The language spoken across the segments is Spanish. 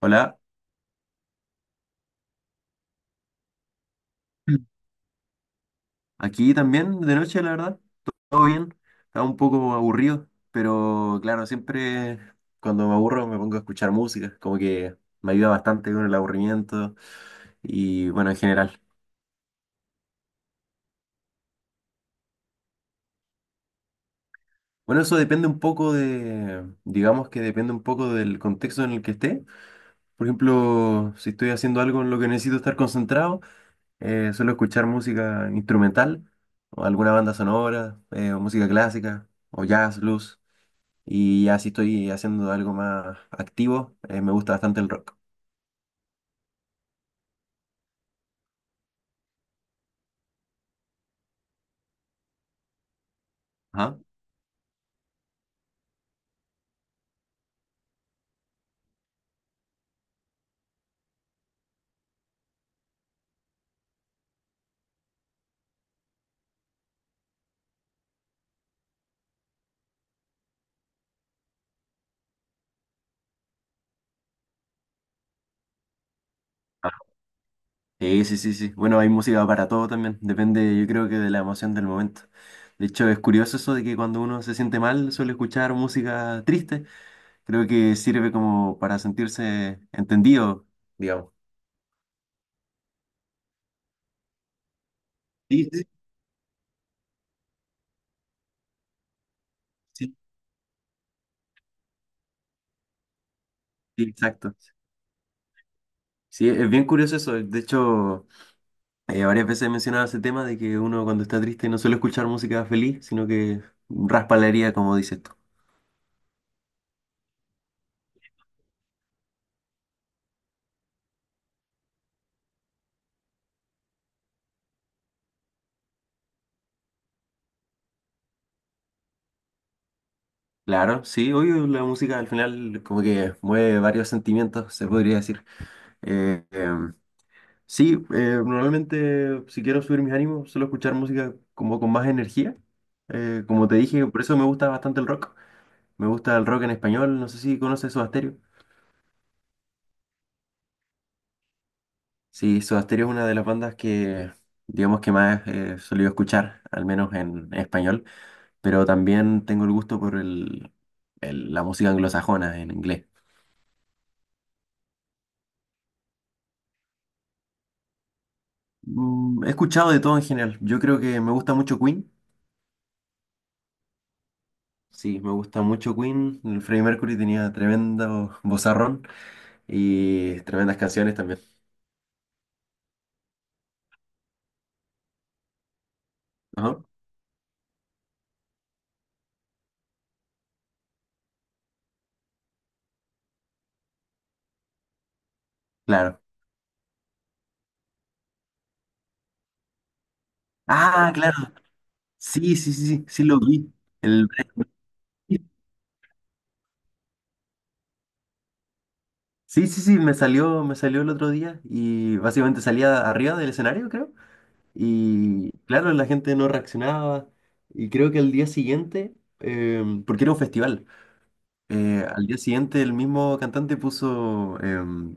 Hola. Mm. Aquí también de noche, la verdad. Todo bien. Estaba un poco aburrido, pero claro, siempre cuando me aburro me pongo a escuchar música, como que me ayuda bastante con el aburrimiento y bueno, en general. Bueno, eso depende un poco de, digamos que depende un poco del contexto en el que esté. Por ejemplo, si estoy haciendo algo en lo que necesito estar concentrado, suelo escuchar música instrumental o alguna banda sonora, o música clásica o jazz, blues. Y ya si estoy haciendo algo más activo, me gusta bastante el rock. Ajá. Ah. Sí, sí, sí. Bueno, hay música para todo también. Depende, yo creo que de la emoción del momento. De hecho, es curioso eso de que cuando uno se siente mal suele escuchar música triste. Creo que sirve como para sentirse entendido, digamos. Sí, sí, sí. Sí, exacto. Sí, es bien curioso eso. De hecho, varias veces he mencionado ese tema de que uno cuando está triste no suele escuchar música feliz, sino que raspa la herida, como dices tú. Claro, sí, obvio, la música al final como que mueve varios sentimientos, se podría decir. Eh, em, sí, normalmente si quiero subir mis ánimos, suelo escuchar música como con más energía. Como te dije, por eso me gusta bastante el rock. Me gusta el rock en español, no sé si conoces Soda Stereo. Sí, Soda Stereo es una de las bandas que, digamos que más solía escuchar, al menos en español, pero también tengo el gusto por la música anglosajona en inglés. Mm, he escuchado de todo en general. Yo creo que me gusta mucho Queen. Sí, me gusta mucho Queen. El Freddie Mercury tenía tremendo vozarrón y tremendas canciones también. Ajá. Claro. Ah, claro. Sí, sí, sí, sí, sí lo vi. El... Sí, sí, sí, me salió el otro día y básicamente salía arriba del escenario, creo. Y claro, la gente no reaccionaba. Y creo que al día siguiente, porque era un festival, al día siguiente el mismo cantante puso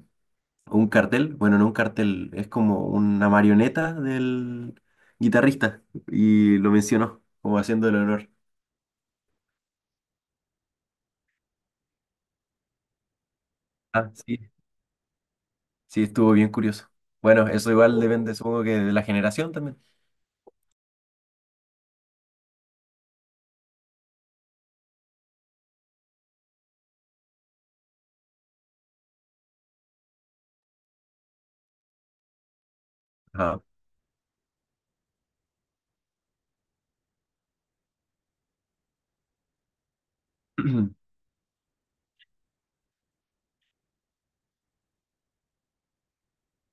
un cartel, bueno, no un cartel, es como una marioneta del guitarrista y lo mencionó como haciendo el honor. Ah, sí. Sí, estuvo bien curioso. Bueno, eso igual depende, supongo que de la generación también. Ajá.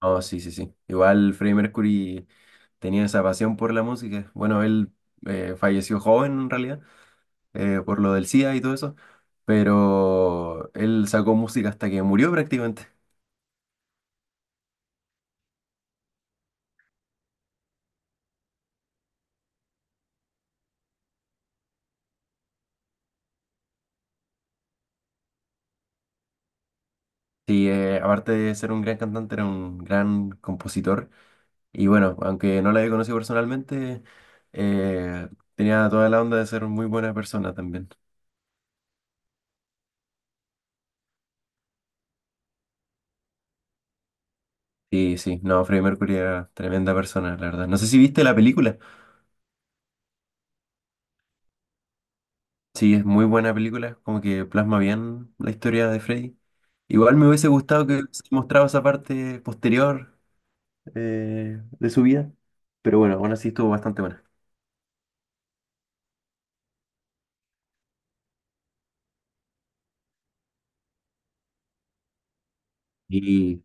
Oh, sí, sí, sí. Igual Freddie Mercury tenía esa pasión por la música. Bueno, él falleció joven en realidad, por lo del SIDA y todo eso, pero él sacó música hasta que murió prácticamente. Sí, aparte de ser un gran cantante, era un gran compositor. Y bueno, aunque no la había conocido personalmente, eh, tenía toda la onda de ser muy buena persona también. Sí, sí, no, Freddie Mercury era tremenda persona, la verdad. No sé si viste la película. Sí, es muy buena película, como que plasma bien la historia de Freddie. Igual me hubiese gustado que se mostraba esa parte posterior de su vida, pero bueno, aún así estuvo bastante buena. Y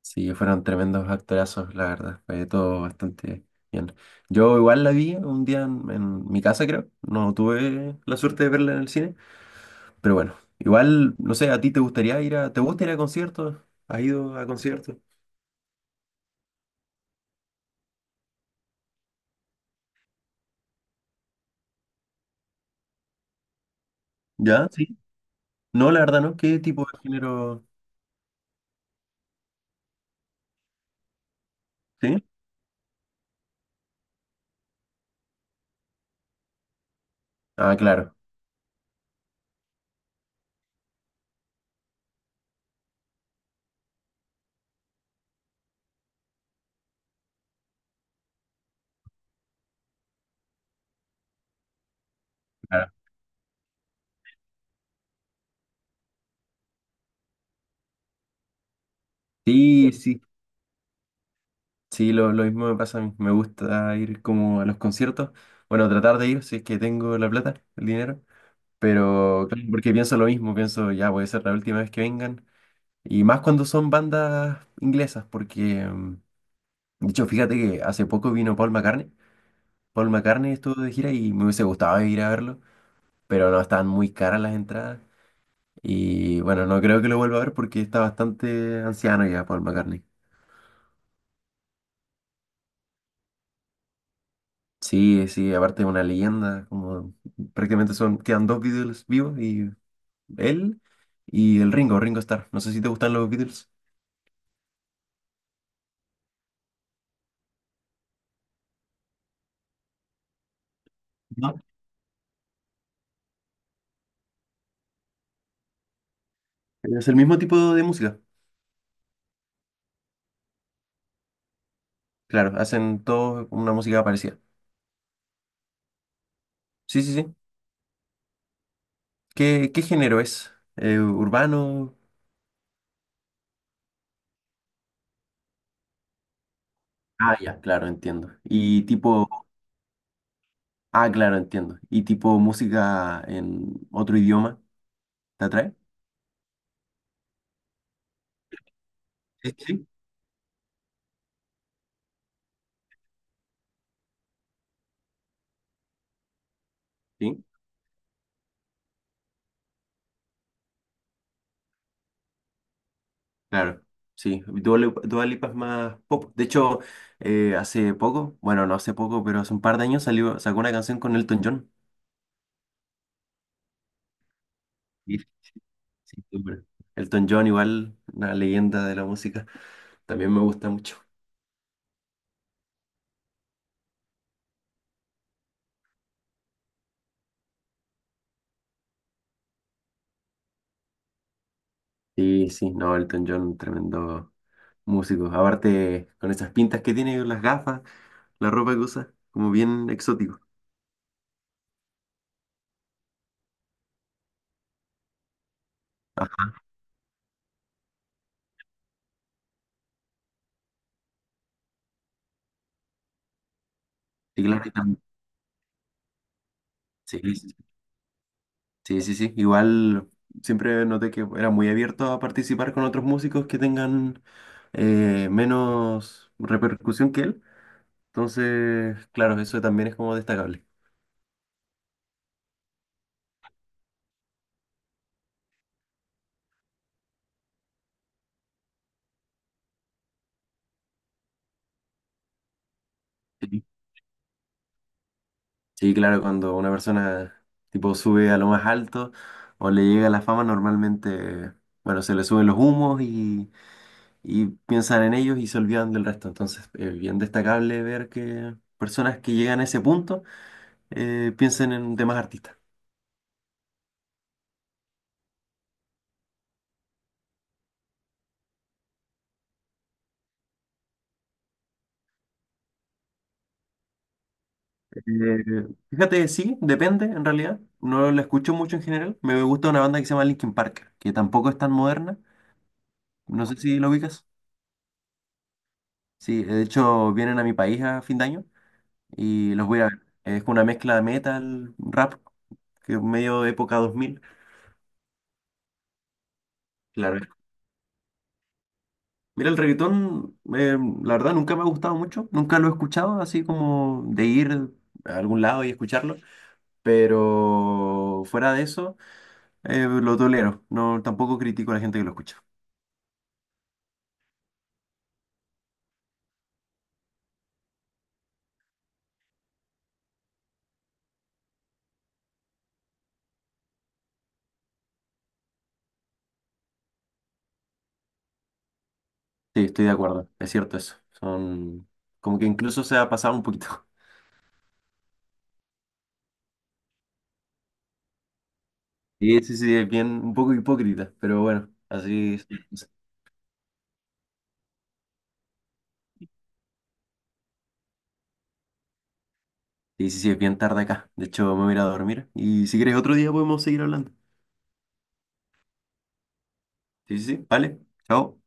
sí, fueron tremendos actorazos, la verdad. Fue todo bastante bien. Yo igual la vi un día en mi casa, creo. No tuve la suerte de verla en el cine. Pero bueno, igual, no sé, ¿a ti te gustaría ir a...? ¿Te gusta ir a conciertos? ¿Has ido a conciertos? ¿Ya? Sí. No, la verdad no. ¿Qué tipo de género? ¿Sí? Ah, claro. Claro. Sí, sí. Sí, lo mismo me pasa a mí. Me gusta ir como a los conciertos. Bueno, tratar de ir si es que tengo la plata, el dinero. Pero claro, porque pienso lo mismo, pienso ya puede ser la última vez que vengan. Y más cuando son bandas inglesas, porque de hecho, fíjate que hace poco vino Paul McCartney. Paul McCartney estuvo de gira y me hubiese gustado ir a verlo, pero no estaban muy caras las entradas. Y bueno, no creo que lo vuelva a ver porque está bastante anciano ya Paul McCartney. Sí, sí, aparte es una leyenda, como prácticamente son, quedan dos Beatles vivos y él y el Ringo, Ringo Starr. No sé si te gustan los Beatles. ¿Es el mismo tipo de música? Claro, hacen todos una música parecida. Sí, sí, sí. ¿Qué, qué género es? ¿Urbano? Ah, ya, claro, entiendo. Y tipo, ah, claro, entiendo. Y tipo música en otro idioma, ¿te atrae? Sí, sí, sí, claro. Sí, Dua Lipa es más pop. De hecho, hace poco, bueno, no hace poco, pero hace un par de años salió, sacó una canción con Elton John. Sí, sí, súper. Elton John, igual, una leyenda de la música. También me gusta mucho. Sí, sí, no, Elton John, tremendo músico. Aparte, con esas pintas que tiene, las gafas, la ropa que usa, como bien exótico. Ajá, sí, claro, sí, sí, sí, sí, sí. Sí. Igual siempre noté que era muy abierto a participar con otros músicos que tengan menos repercusión que él. Entonces, claro, eso también es como destacable. Sí, sí, claro, cuando una persona tipo sube a lo más alto o le llega la fama, normalmente, bueno, se le suben los humos y piensan en ellos y se olvidan del resto. Entonces, es bien destacable ver que personas que llegan a ese punto piensen en demás artistas. Eh, fíjate, sí, depende en realidad. No la escucho mucho en general. Me gusta una banda que se llama Linkin Park, que tampoco es tan moderna. No sé si lo ubicas. Sí, de hecho vienen a mi país a fin de año y los voy a ver. Es una mezcla de metal, rap, que es medio época 2000. Claro, mira, el reggaetón, la verdad, nunca me ha gustado mucho, nunca lo he escuchado, así como de ir a algún lado y escucharlo, pero fuera de eso, lo tolero, no, tampoco critico a la gente que lo escucha. Sí, estoy de acuerdo, es cierto eso, son como que incluso se ha pasado un poquito. Sí, sí, sí, es bien, un poco hipócrita, pero bueno, así es. Sí, sí, sí, es bien tarde acá, de hecho me voy a ir a dormir y si quieres otro día podemos seguir hablando. Sí, sí, sí, vale, chao.